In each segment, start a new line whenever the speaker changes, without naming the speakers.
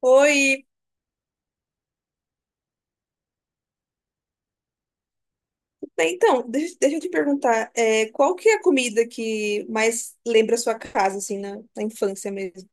Oi, então, deixa eu te perguntar, qual que é a comida que mais lembra a sua casa, assim, na infância mesmo?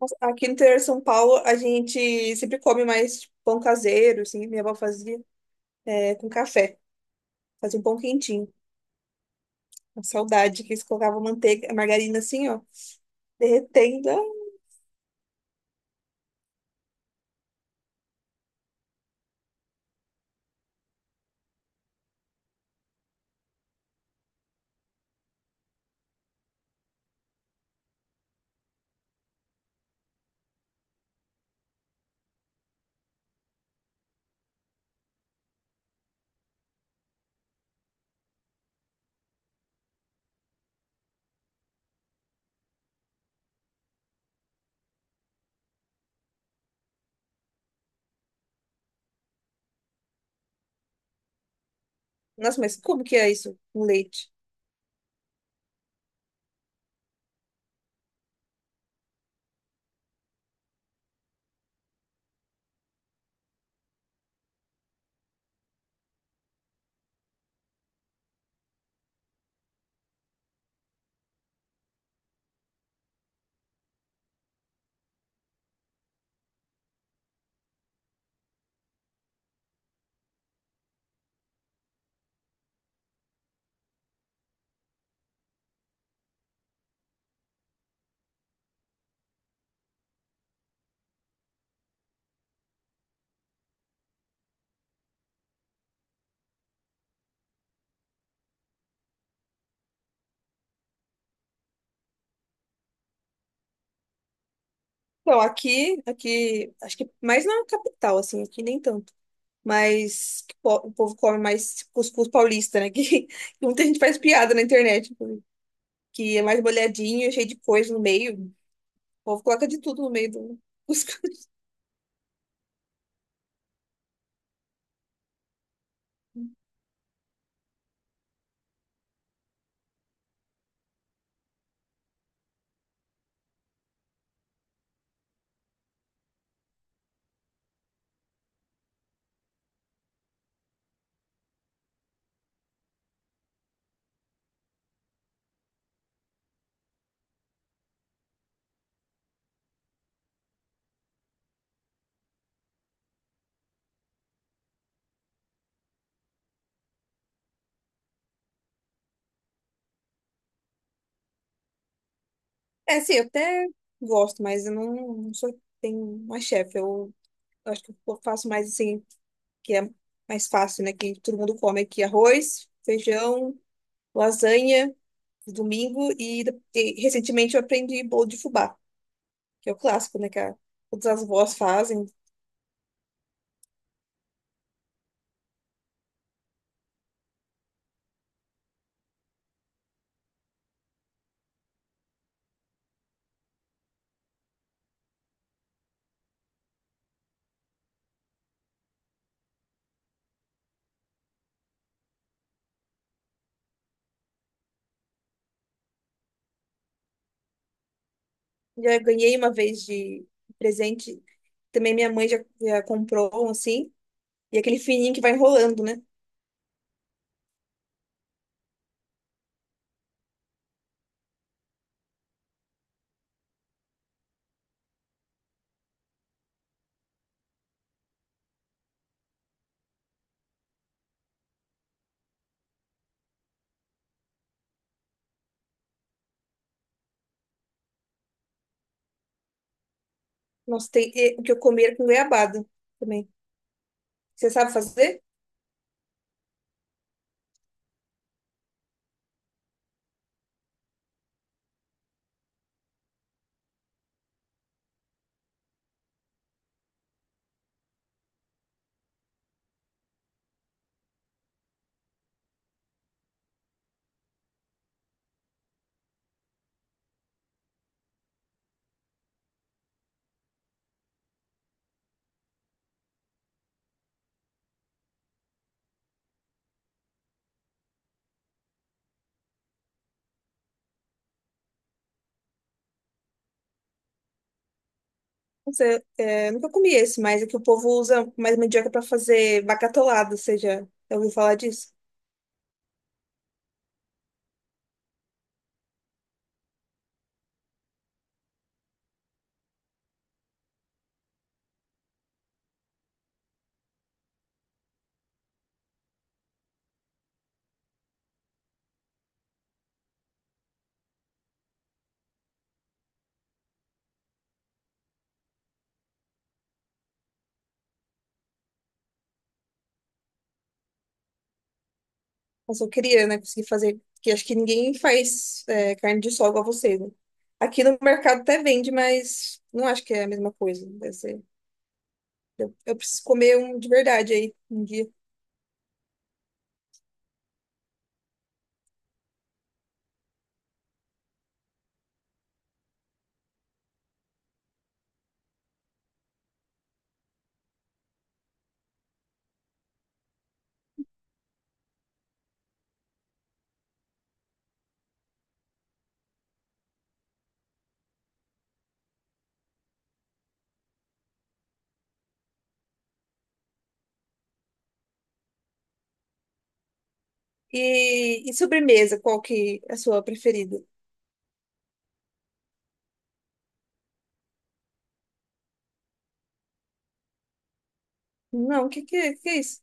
Nossa, aqui no interior de São Paulo, a gente sempre come mais tipo, pão caseiro, assim, minha avó fazia, é, com café, fazia um pão quentinho, uma saudade, que eles colocavam manteiga, margarina assim, ó, derretendo. Ah, nossa, mas como que é isso, com leite? Então, aqui, acho que mais na capital, assim, aqui nem tanto. Mas o povo come mais cuscuz paulista, né? Que, muita gente faz piada na internet, tipo, que é mais molhadinho, cheio de coisa no meio. O povo coloca de tudo no meio do cuscuz. É, sim, eu até gosto, mas eu não sou, tenho uma chefe. Eu acho que eu faço mais assim, que é mais fácil, né? Que todo mundo come aqui arroz, feijão, lasanha, de domingo e recentemente eu aprendi bolo de fubá, que é o clássico, né? Todas as vós fazem. Já ganhei uma vez de presente. Também minha mãe já comprou um assim. E aquele fininho que vai enrolando, né? Nossa, tem e o que eu comi era com goiabada também. Você sabe fazer? Você, é, nunca comi esse, mas é que o povo usa mais mandioca para fazer bacatolada. Você já ouviu falar disso? Mas eu queria, né? Conseguir fazer. Porque acho que ninguém faz é, carne de sol igual você, né? Aqui no mercado até vende, mas não acho que é a mesma coisa. Deve ser. Eu preciso comer um de verdade aí um dia. E sobremesa, qual que é a sua preferida? Não, o que é isso?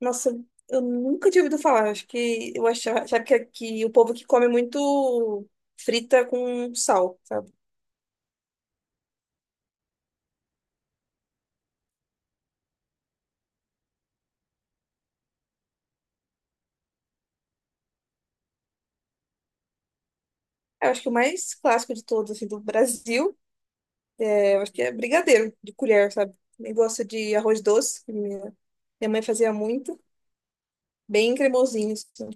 Nossa, eu nunca tinha ouvido falar. Acho que eu achava que o povo que come muito frita com sal, sabe? Eu acho que o mais clássico de todos, assim, do Brasil, é, eu acho que é brigadeiro de colher, sabe? Eu gosto de arroz doce, que minha mãe fazia muito, bem cremosinho, assim.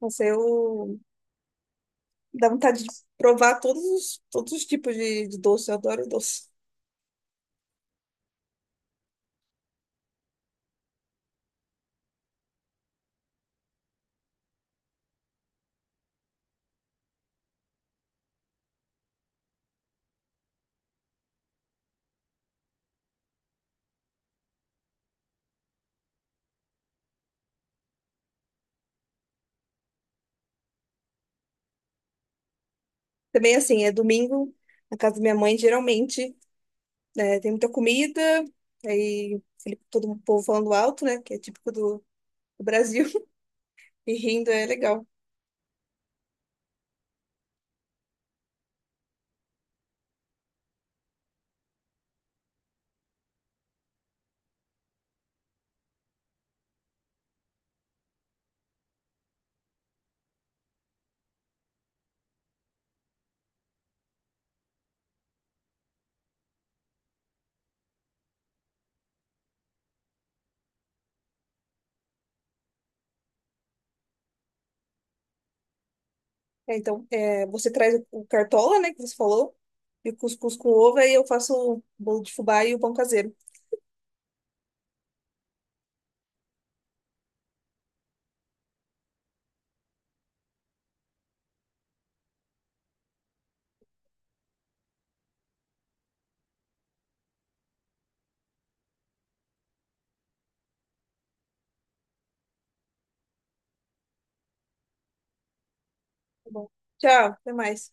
Nossa, eu dá vontade de provar todos os tipos de doce, eu adoro doce. Também assim, é domingo, na casa da minha mãe, geralmente, né, tem muita comida, todo o povo falando alto, né? Que é típico do, do Brasil, e rindo é legal. É, então, é, você traz o cartola, né, que você falou, e o cuscuz com ovo, aí eu faço o bolo de fubá e o pão caseiro. Tá bom. Tchau, até mais.